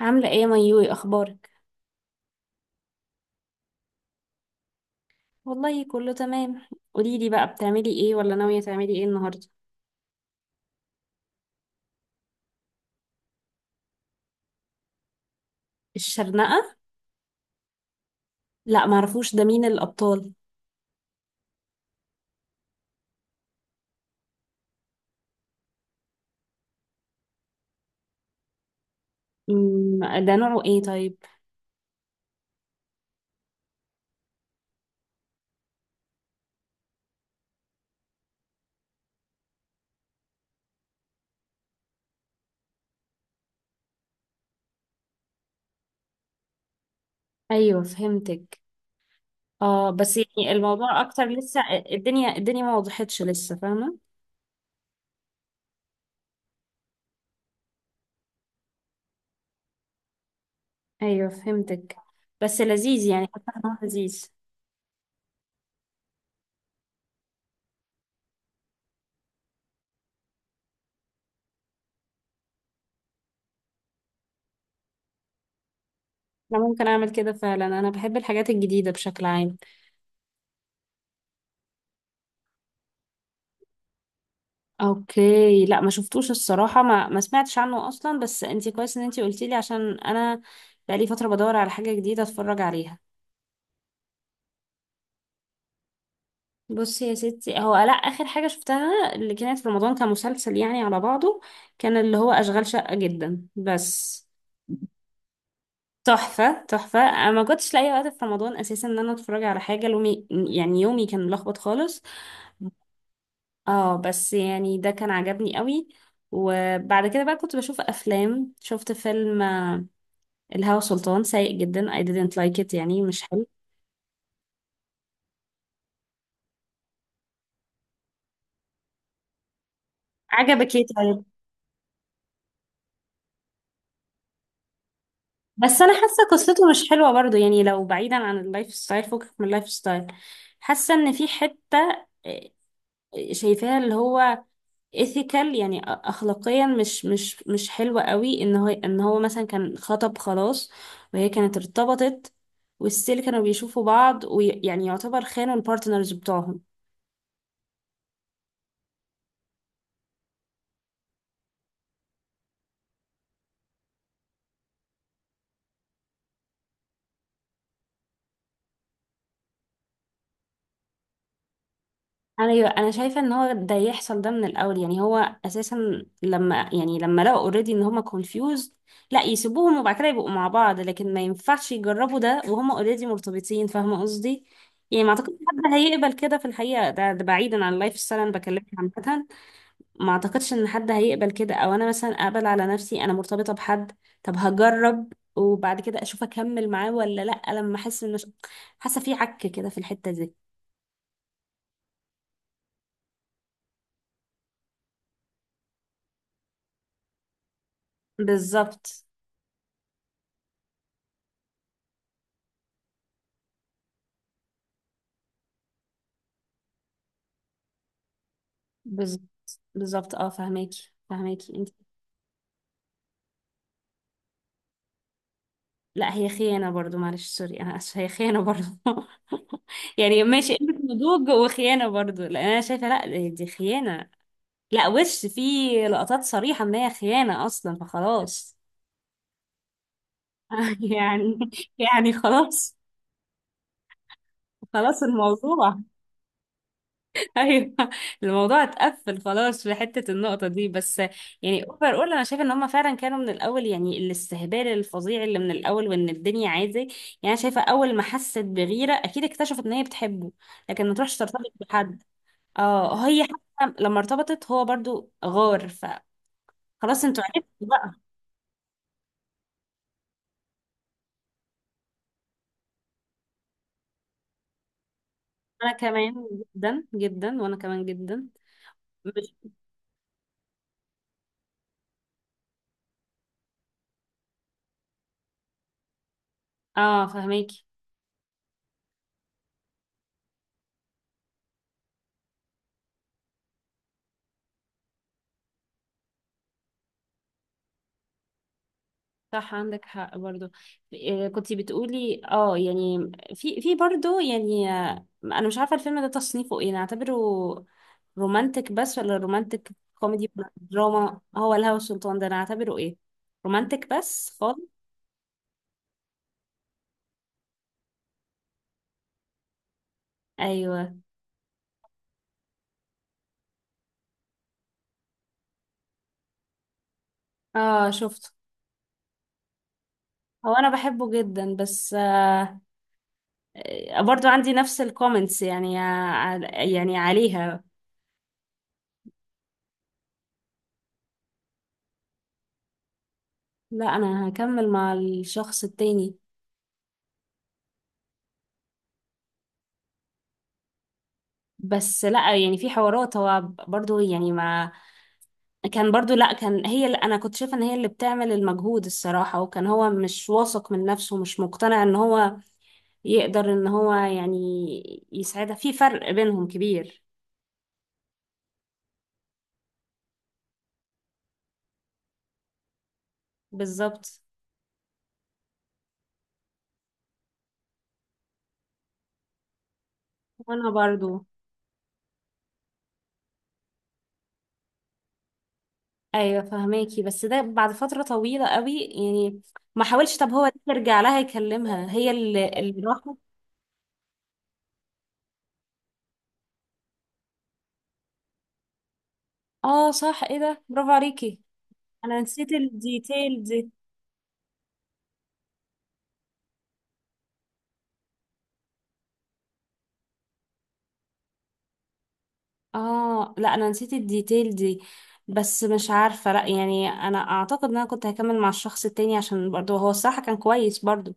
عاملة ايه يا ميوي؟ اخبارك؟ والله كله تمام. قوليلي بقى، بتعملي ايه ولا ناوية تعملي ايه النهاردة؟ الشرنقة؟ لا معرفوش، ده مين الابطال؟ ده نوعه ايه طيب؟ ايوه فهمتك. اه بس يعني الموضوع اكتر لسه. الدنيا ما وضحتش لسه، فاهمة؟ ايوه فهمتك. بس لذيذ، يعني حاسة إن هو لذيذ. انا ممكن اعمل كده فعلا، انا بحب الحاجات الجديدة بشكل عام. اوكي، لا ما شفتوش الصراحة، ما سمعتش عنه اصلا، بس انتي كويس ان انتي قلتيلي، عشان انا بقالي فترة بدور على حاجة جديدة اتفرج عليها. بصي يا ستي، هو لا، اخر حاجة شفتها اللي كانت في رمضان كمسلسل يعني على بعضه، كان اللي هو اشغال شقة، جدا بس تحفة تحفة. انا ما كنتش لاقي وقت في رمضان اساسا ان انا اتفرج على حاجة، لومي يعني يومي كان ملخبط خالص. اه بس يعني ده كان عجبني قوي. وبعد كده بقى كنت بشوف افلام، شفت فيلم الهوى سلطان، سيء جدا، I didn't like it، يعني مش حلو. عجبك ايه طيب؟ بس انا حاسه قصته مش حلوه برضو، يعني لو بعيدا عن اللايف ستايل، فكك من اللايف ستايل، حاسه ان في حته، آه، شايفاها اللي هو ethical، يعني اخلاقيا مش حلوه قوي، ان هو ان هو مثلا كان خطب خلاص، وهي كانت ارتبطت، والستيل كانوا بيشوفوا بعض، ويعني يعتبر خانوا البارتنرز بتوعهم. انا شايفه ان هو ده يحصل ده من الاول، يعني هو اساسا لما يعني لما لقوا اوريدي ان هما confused، لا يسيبوهم وبعد كده يبقوا مع بعض، لكن ما ينفعش يجربوا ده وهما اوريدي مرتبطين، فاهمه قصدي؟ يعني ما اعتقدش حد هيقبل كده في الحقيقه، ده بعيدا عن اللايف ستايل انا بكلمك عامه. ما اعتقدش ان حد هيقبل كده، او انا مثلا اقبل على نفسي انا مرتبطه بحد، طب هجرب وبعد كده اشوف اكمل معاه ولا لا، لما احس ان حاسه في عك كده في الحته دي. بالظبط. بالظبط. بالظبط اه، فهماكي فهماكي انت. لا هي خيانة برضو، معلش سوري انا اسفة، هي خيانة برضو. يعني ماشي قلة نضوج وخيانة برضو، لان انا شايفة لا دي خيانة. لا وش في لقطات صريحة ان هي خيانة اصلا، فخلاص. يعني. يعني خلاص. خلاص الموضوع. ايوه. الموضوع اتقفل خلاص في حته النقطه دي بس. يعني اوفر اول، انا شايفه ان هم فعلا كانوا من الاول، يعني الاستهبال الفظيع اللي من الاول وان الدنيا عادي يعني. أنا شايفه اول ما حست بغيره اكيد اكتشفت ان هي بتحبه، لكن ما تروحش ترتبط بحد. اه هي. حتى لما ارتبطت هو برضو غار، فخلاص انتوا عرفتوا بقى. انا كمان، جدا جدا وانا كمان جدا، مش. اه فهميك. صح عندك حق برضو. كنتي بتقولي اه، يعني في برضو يعني، انا مش عارفه الفيلم ده تصنيفه ايه نعتبره؟ رومانتك بس ولا رومانتك كوميدي ولا دراما؟ هو الهوى السلطان ده انا اعتبره ايه؟ رومانتك بس خالص. ايوه. اه شفته. هو انا بحبه جدا، بس. برضو عندي نفس الكومنتس يعني، يعني عليها. لا انا هكمل مع الشخص التاني. بس لا يعني في حوارات هو برضو يعني ما كان برضو، لا كان هي اللي، انا كنت شايفه ان هي اللي بتعمل المجهود الصراحه، وكان هو مش واثق من نفسه، مش مقتنع ان هو يقدر ان هو يعني يساعدها، في فرق بينهم كبير. بالظبط. وانا برضو. ايوه فهماكي، بس ده بعد فتره طويله قوي يعني، ما حاولش طب هو يرجع لها يكلمها، هي اللي راحت. اه صح، ايه ده، برافو عليكي. انا نسيت الديتيل دي. اه لا انا نسيت الديتيل دي. بس مش عارفة، لا يعني انا اعتقد ان انا كنت هكمل مع الشخص التاني، عشان برضه هو الصراحة كان كويس برضه.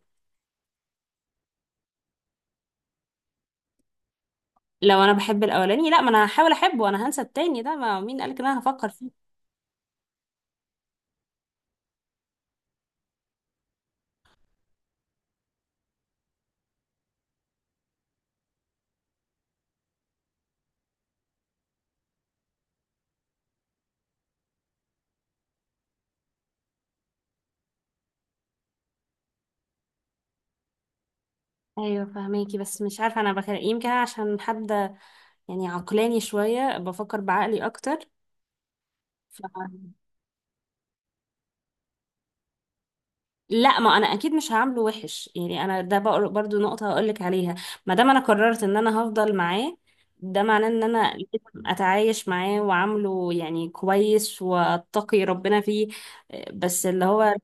لو انا بحب الاولاني لا، ما انا هحاول احبه، انا هنسى التاني ده، ما مين قالك ان انا هفكر فيه. ايوه فهماكي، بس مش عارفة انا بخير، يمكن أنا عشان حد يعني عقلاني شوية، بفكر بعقلي اكتر. لا ما انا اكيد مش هعامله وحش يعني، انا ده برضو نقطة هقولك عليها، ما دام انا قررت ان انا هفضل معاه ده معناه ان انا لازم اتعايش معاه واعامله يعني كويس واتقي ربنا فيه. بس اللي هو اه.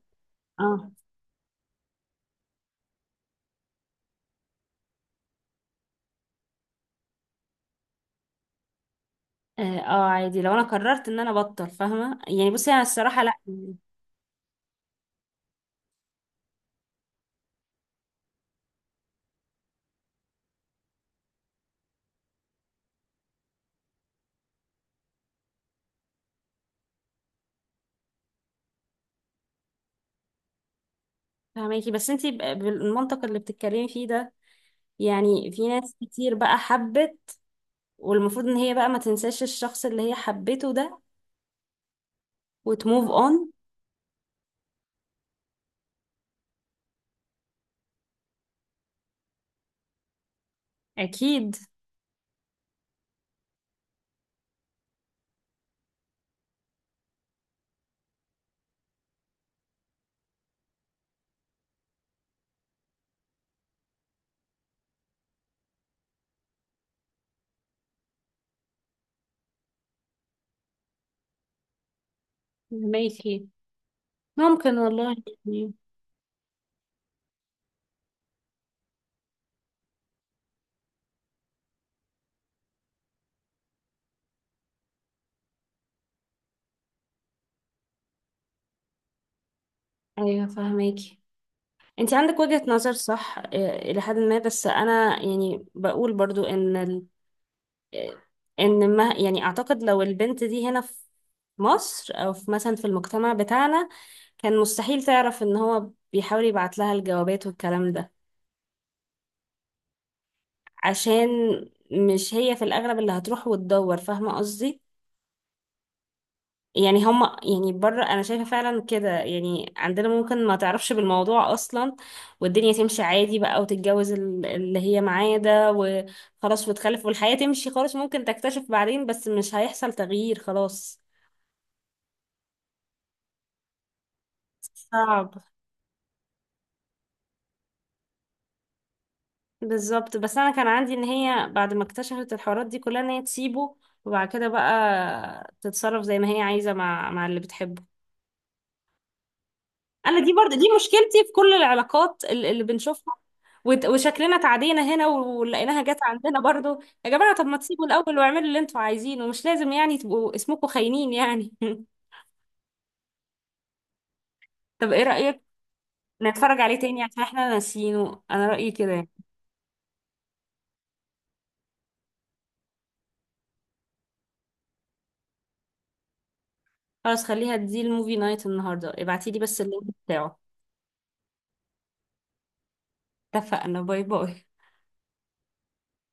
اه عادي لو انا قررت ان انا بطل، فاهمة يعني؟ بصي انا الصراحة لا. فاهماكي، بس انتي بالمنطق اللي بتتكلمي فيه ده، يعني في ناس كتير بقى حبت، والمفروض ان هي بقى ما تنساش الشخص اللي هي حبته ده وتموف اون. اكيد. فهماكي. ممكن والله. يعني. ايوه فهماكي، انت عندك وجهة نظر صح، الى حد ما، بس انا يعني بقول برضو ان ال... آه، ان ما يعني اعتقد لو البنت دي هنا في مصر، او في مثلا في المجتمع بتاعنا، كان مستحيل تعرف ان هو بيحاول يبعت لها الجوابات والكلام ده، عشان مش هي في الاغلب اللي هتروح وتدور، فاهمة قصدي؟ يعني هم يعني بره انا شايفه فعلا كده، يعني عندنا ممكن ما تعرفش بالموضوع اصلا، والدنيا تمشي عادي بقى، وتتجوز اللي هي معاه ده وخلاص، وتخلف والحياه تمشي خالص، ممكن تكتشف بعدين بس مش هيحصل تغيير خلاص. صعب. بالظبط، بس انا كان عندي ان هي بعد ما اكتشفت الحوارات دي كلها ان هي تسيبه، وبعد كده بقى تتصرف زي ما هي عايزه مع مع اللي بتحبه. انا دي برضه دي مشكلتي في كل العلاقات اللي بنشوفها. وشكلنا اتعدينا هنا ولقيناها جت عندنا برضه. يا جماعه طب ما تسيبوا الاول واعملوا اللي انتوا عايزينه، مش لازم يعني تبقوا اسمكم خاينين يعني. طب ايه رايك نتفرج عليه تاني عشان احنا ناسيينه؟ انا رايي كده يعني. خلاص خليها دي الموفي نايت النهارده، ابعتيلي بس اللينك بتاعه. اتفقنا، باي باي.